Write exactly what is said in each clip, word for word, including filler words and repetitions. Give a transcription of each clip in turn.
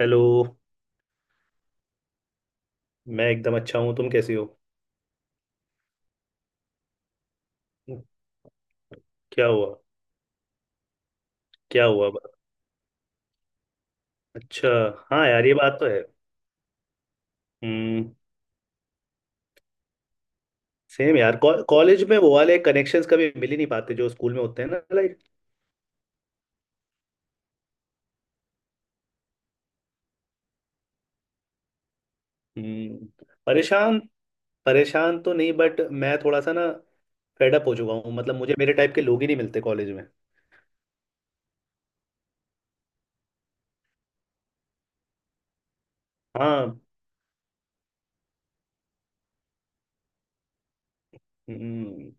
Hello. मैं एकदम अच्छा हूँ, तुम कैसे हो? क्या हुआ? क्या हुआ बा- अच्छा। हाँ यार, ये बात तो है। हम्म। सेम यार, कॉ- कॉलेज में वो वाले कनेक्शंस कभी मिल ही नहीं पाते जो स्कूल में होते हैं ना, लाइक। हम्म। परेशान? परेशान तो नहीं, बट मैं थोड़ा सा ना फेड अप हो चुका हूँ। मतलब मुझे मेरे टाइप के लोग ही नहीं मिलते कॉलेज में। हाँ। हम्म।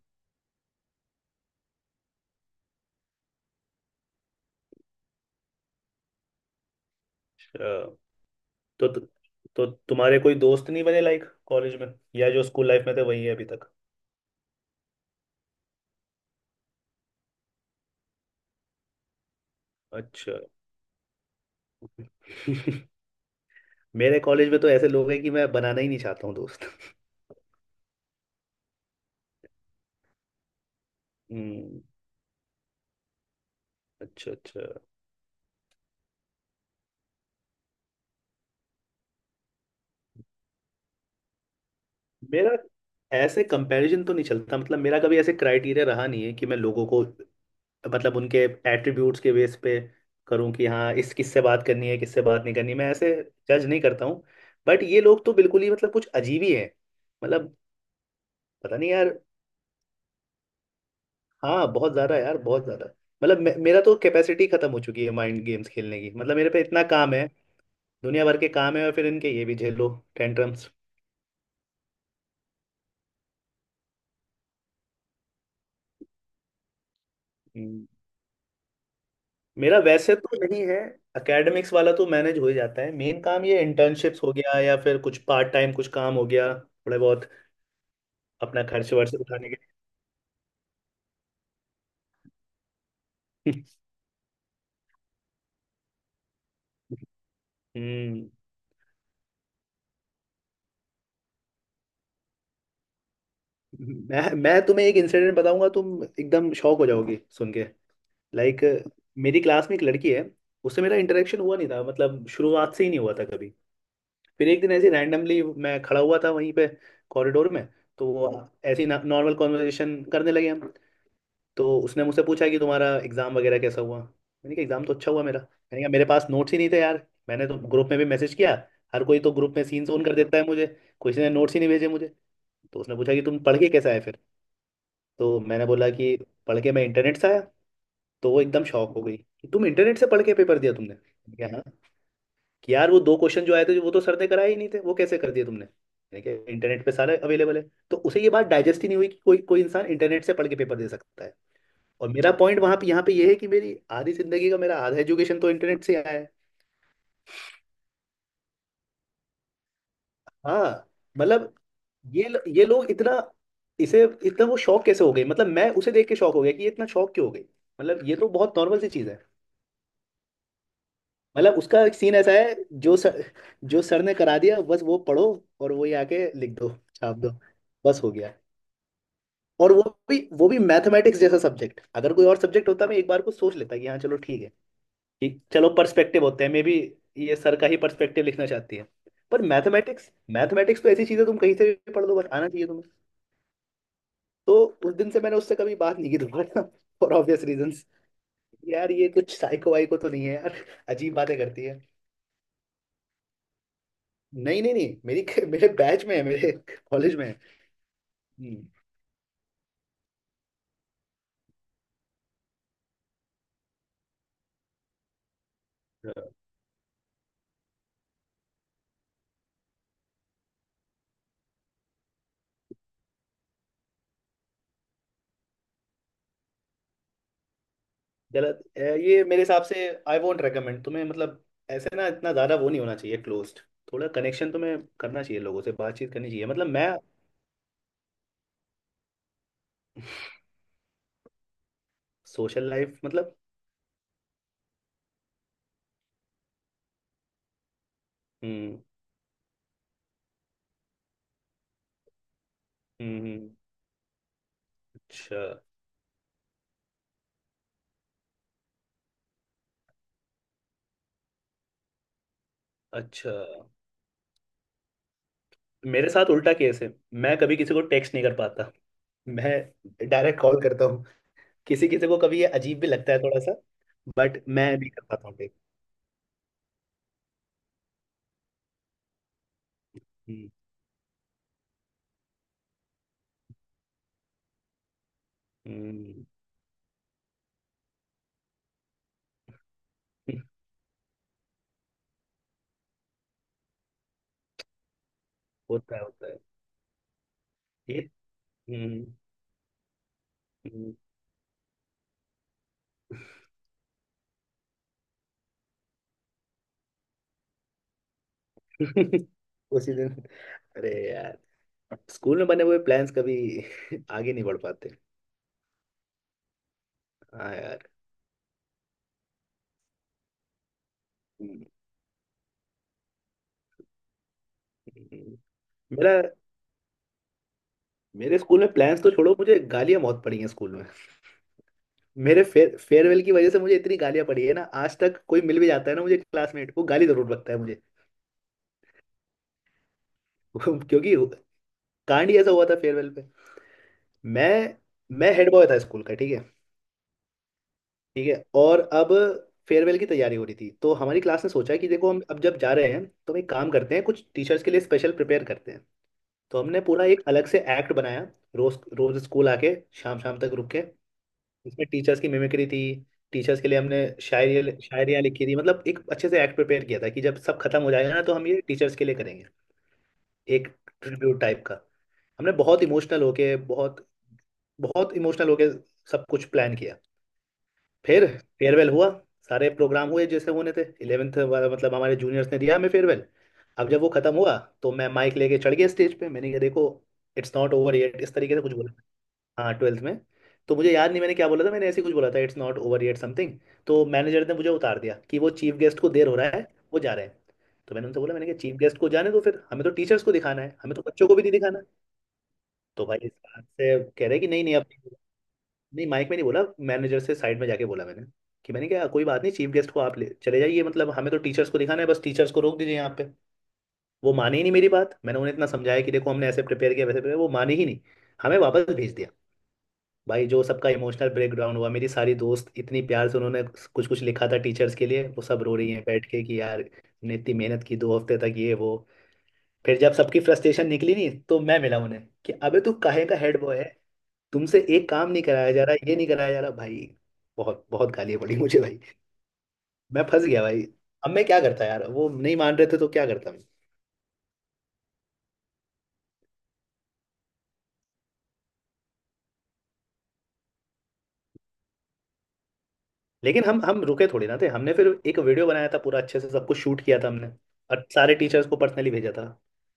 अच्छा। तो तो तुम्हारे कोई दोस्त नहीं बने लाइक कॉलेज में? या जो स्कूल लाइफ में थे वही है अभी तक? अच्छा। मेरे कॉलेज में तो ऐसे लोग हैं कि मैं बनाना ही नहीं चाहता हूँ दोस्त। हम्म। अच्छा अच्छा। मेरा ऐसे कंपैरिजन तो नहीं चलता, मतलब मेरा कभी ऐसे क्राइटेरिया रहा नहीं है कि मैं लोगों को, मतलब उनके एट्रीब्यूट्स के बेस पे करूं कि हाँ इस किससे बात करनी है किससे बात नहीं करनी। मैं ऐसे जज नहीं करता हूँ। बट ये लोग तो बिल्कुल ही, मतलब कुछ अजीब ही है। मतलब पता नहीं यार। हाँ बहुत ज़्यादा यार, बहुत ज़्यादा। मतलब मे- मेरा तो कैपेसिटी खत्म हो चुकी है माइंड गेम्स खेलने की। मतलब मेरे पे इतना काम है, दुनिया भर के काम है और फिर इनके ये भी झेलो, टेंट्रम्स। हम्म, मेरा वैसे तो नहीं है। एकेडमिक्स वाला तो मैनेज हो ही जाता है, मेन काम ये इंटर्नशिप्स हो गया या फिर कुछ पार्ट टाइम कुछ काम हो गया थोड़े बहुत अपना खर्च वर्च उठाने के लिए। हम्म। मैं मैं तुम्हें एक इंसिडेंट बताऊंगा तुम एकदम शॉक हो जाओगी सुन के। लाइक मेरी क्लास में एक लड़की है, उससे मेरा इंटरेक्शन हुआ नहीं था, मतलब शुरुआत से ही नहीं हुआ था कभी। फिर एक दिन ऐसे रैंडमली मैं खड़ा हुआ था वहीं पे, कॉरिडोर में। तो वो ऐसी नॉर्मल कॉन्वर्सेशन करने लगे हम। तो उसने मुझसे पूछा कि तुम्हारा एग्ज़ाम वगैरह कैसा हुआ, मैंने कहा एग्ज़ाम तो अच्छा हुआ मेरा, मैंने कहा मेरे पास नोट्स ही नहीं थे यार, मैंने तो ग्रुप में भी मैसेज किया। हर कोई तो ग्रुप में सीन ऑन कर देता है मुझे, किसी ने नोट्स ही नहीं भेजे मुझे। तो उसने पूछा कि तुम पढ़ के कैसे आए फिर। तो मैंने बोला कि पढ़ के मैं इंटरनेट से आया। तो वो एकदम शॉक हो गई कि तुम इंटरनेट से पढ़ के पेपर दिया तुमने? मैंने कहा हाँ। कि यार वो दो क्वेश्चन जो आए थे वो तो सर ने कराए ही नहीं थे वो कैसे कर दिए तुमने? मैंने कहा इंटरनेट पे सारे अवेलेबल है। तो उसे ये बात डाइजेस्ट ही नहीं हुई कि कोई कोई इंसान इंटरनेट से पढ़ के पेपर दे सकता है। और मेरा पॉइंट वहां पे यहाँ पे ये है कि मेरी आधी जिंदगी का मेरा आधा एजुकेशन तो इंटरनेट से आया है। हाँ, मतलब ये ल- ये लोग इतना, इसे इतना वो शौक कैसे हो गए? मतलब मैं उसे देख के शौक हो गया कि ये इतना शौक क्यों हो गई। मतलब ये तो बहुत नॉर्मल सी चीज है। मतलब उसका एक सीन ऐसा है, जो सर जो सर ने करा दिया बस वो पढ़ो और वही आके लिख दो, छाप दो, बस हो गया। और वो भी वो भी मैथमेटिक्स जैसा सब्जेक्ट, अगर कोई और सब्जेक्ट होता मैं एक बार को सोच लेता कि हाँ चलो ठीक है, कि चलो पर्सपेक्टिव होते हैं मे बी, ये सर का ही पर्सपेक्टिव लिखना चाहती है। पर मैथमेटिक्स, मैथमेटिक्स तो ऐसी चीज है तुम कहीं से भी पढ़ लो बट आना चाहिए तुम्हें। तो उस दिन से मैंने उससे कभी बात नहीं की दोबारा, फॉर ऑब्वियस रीजंस। यार ये कुछ साइको वाइको तो नहीं है यार, अजीब बातें करती है। नहीं नहीं नहीं, मेरी मेरे बैच में है, मेरे कॉलेज में है। हम्म, गलत ए, ये मेरे हिसाब से आई वोंट रेकमेंड तुम्हें। मतलब ऐसे ना इतना ज्यादा वो नहीं होना चाहिए क्लोज्ड, थोड़ा कनेक्शन तुम्हें करना चाहिए, लोगों से बातचीत करनी चाहिए। मतलब मैं, सोशल लाइफ मतलब? हम्म। हम्म, अच्छा अच्छा। मेरे साथ उल्टा केस है, मैं कभी किसी को टेक्स्ट नहीं कर पाता, मैं डायरेक्ट कॉल करता हूँ। किसी किसी को कभी ये अजीब भी लगता है थोड़ा सा। बट मैं भी कर पाता हूँ text। हम्म। हम्म। हम्म। होता है होता है। ये, हम्म। हम्म। उसी दिन। अरे यार, स्कूल में बने हुए प्लान्स कभी आगे नहीं बढ़ पाते। हाँ यार। हम्म। हम्म। हम्म। मेरा, मेरे स्कूल में प्लान्स तो छोड़ो, मुझे गालियां बहुत पड़ी हैं स्कूल में। मेरे फेयर फेयरवेल की वजह से मुझे इतनी गालियां पड़ी है ना, आज तक कोई मिल भी जाता है ना मुझे क्लासमेट, वो गाली जरूर बकता है मुझे। क्योंकि कांड ही ऐसा हुआ था फेयरवेल पे। मैं मैं हेड बॉय था स्कूल का, ठीक है। ठीक है, और अब फेयरवेल की तैयारी हो रही थी तो हमारी क्लास ने सोचा कि देखो हम अब जब जा रहे हैं तो हम एक काम करते हैं, कुछ टीचर्स के लिए स्पेशल प्रिपेयर करते हैं। तो हमने पूरा एक अलग से एक्ट बनाया, रोज रोज स्कूल आके शाम शाम तक रुक के। इसमें टीचर्स की मिमिक्री थी, टीचर्स के लिए हमने शायरी शायरियाँ लिखी थी। मतलब एक अच्छे से एक्ट प्रिपेयर किया था कि जब सब खत्म हो जाएगा ना तो हम ये टीचर्स के लिए करेंगे, एक ट्रिब्यूट टाइप का। हमने बहुत इमोशनल होके, बहुत बहुत इमोशनल होके सब कुछ प्लान किया। फिर फेयरवेल हुआ, सारे प्रोग्राम हुए जैसे होने थे, इलेवेंथ वाला, मतलब हमारे जूनियर्स ने दिया हमें फेयरवेल। अब जब वो खत्म हुआ तो मैं माइक लेके चढ़ गया स्टेज पे। मैंने कहा देखो, इट्स नॉट ओवर येट, इस तरीके से कुछ बोला। हाँ ट्वेल्थ में। तो मुझे याद नहीं मैंने क्या बोला था, मैंने ऐसे ही कुछ बोला था it's not over yet something. तो मैनेजर ने मुझे उतार दिया कि वो चीफ गेस्ट को देर हो रहा है, वो जा रहे हैं। तो मैंने उनसे बोला, मैंने कहा चीफ गेस्ट को जाने दो फिर, हमें तो टीचर्स को दिखाना है, हमें तो बच्चों को भी नहीं दिखाना। तो भाई इस बात से कह रहे कि नहीं नहीं अब नहीं। नहीं माइक में नहीं बोला, मैनेजर से साइड में जाके बोला मैंने, कि मैंने कहा कोई बात नहीं चीफ गेस्ट को आप ले चले जाइए, मतलब हमें तो टीचर्स को दिखाना है, बस टीचर्स को रोक दीजिए यहाँ पे। वो माने ही नहीं मेरी बात, मैंने उन्हें इतना समझाया कि देखो हमने ऐसे प्रिपेयर किया वैसे प्रिपेयर, वो माने ही नहीं, हमें वापस भेज दिया। भाई जो सबका इमोशनल ब्रेकडाउन हुआ, मेरी सारी दोस्त इतनी प्यार से उन्होंने कुछ कुछ लिखा था टीचर्स के लिए, वो सब रो रही हैं बैठ के कि यार हमने इतनी मेहनत की दो हफ्ते तक ये वो। फिर जब सबकी फ्रस्ट्रेशन निकली नहीं तो मैं मिला उन्हें, कि अबे तू काहे का हेड बॉय है, तुमसे एक काम नहीं कराया जा रहा, ये नहीं कराया जा रहा भाई। बहुत बहुत गालियाँ पड़ी मुझे भाई। मैं फंस गया भाई। अब मैं क्या करता यार, वो नहीं मान रहे थे तो क्या करता। लेकिन हम हम रुके थोड़ी ना थे, हमने फिर एक वीडियो बनाया था पूरा अच्छे से सब कुछ शूट किया था हमने, और सारे टीचर्स को पर्सनली भेजा था।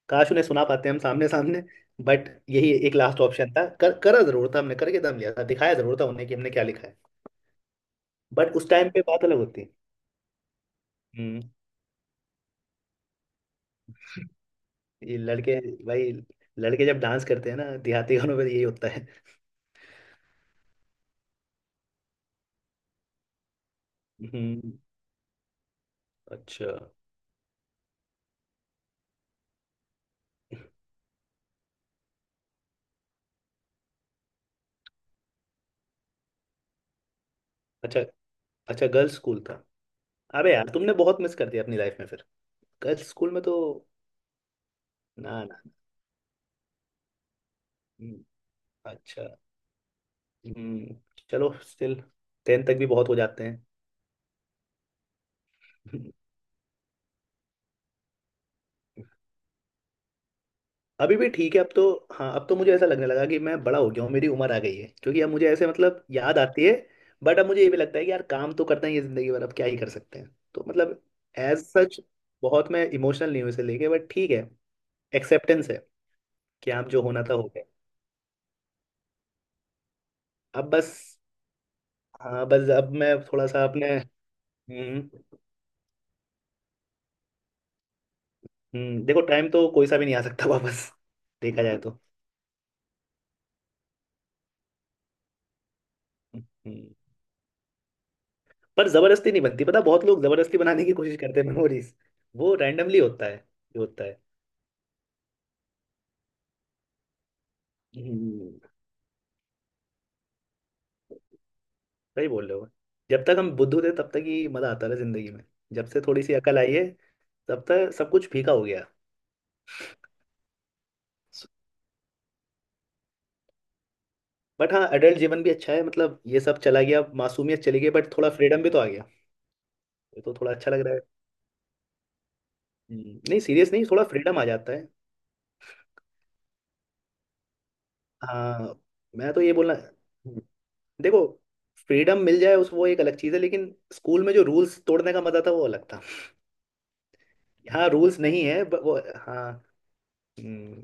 काश उन्हें सुना पाते हम सामने सामने, बट यही एक लास्ट ऑप्शन था, कर करा जरूर था, हमने करके दम लिया था, दिखाया जरूर था उन्हें कि हमने क्या लिखा है। बट उस टाइम पे बात अलग होती। हम्म। ये लड़के, भाई लड़के जब डांस करते हैं ना देहाती गानों पे यही होता है। हम्म। अच्छा अच्छा। अच्छा गर्ल्स स्कूल था। अबे यार तुमने बहुत मिस कर दिया अपनी लाइफ में फिर, गर्ल्स स्कूल में तो। ना ना। हम्म, अच्छा। हम्म, चलो स्टिल टेन तक भी बहुत हो जाते हैं। अभी भी ठीक है अब तो। हाँ अब तो मुझे ऐसा लगने लगा कि मैं बड़ा हो गया हूँ, मेरी उम्र आ गई है क्योंकि अब मुझे ऐसे मतलब याद आती है। बट अब मुझे ये भी लगता है कि यार काम तो करना ही है जिंदगी भर, अब क्या ही कर सकते हैं तो मतलब एज सच बहुत मैं इमोशनल नहीं हूँ इसे लेके, बट ठीक है, एक्सेप्टेंस है कि आप जो होना था हो गया। अब बस। हाँ बस अब मैं थोड़ा सा अपने। हम्म, हम्म, देखो टाइम तो कोई सा भी नहीं आ सकता वापस, देखा जाए तो। हम्म। हम्म। पर जबरदस्ती नहीं बनती पता, बहुत लोग जबरदस्ती बनाने की कोशिश करते हैं मेमोरीज, वो रैंडमली होता है जो होता है। हम्म, सही बोल रहे हो। जब तक हम बुद्धू थे तब तक ही मजा आता था जिंदगी में, जब से थोड़ी सी अकल आई है तब तक सब कुछ फीका हो गया। बट हाँ एडल्ट जीवन भी अच्छा है, मतलब ये सब चला गया, मासूमियत चली गई, बट थोड़ा फ्रीडम भी तो आ गया। ये तो थोड़ा अच्छा लग रहा है। हम्म, नहीं सीरियस नहीं, थोड़ा फ्रीडम आ जाता है। हाँ, मैं तो ये बोलना हम्म, देखो फ्रीडम मिल जाए उस वो एक अलग चीज़ है, लेकिन स्कूल में जो रूल्स तोड़ने का मजा था वो अलग था। हाँ रूल्स नहीं है but वो। हाँ। हम्म,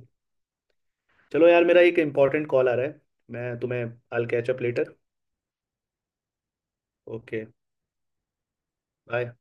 चलो यार मेरा एक इम्पोर्टेंट कॉल आ रहा है, मैं तुम्हें I catch up later. Okay. Bye.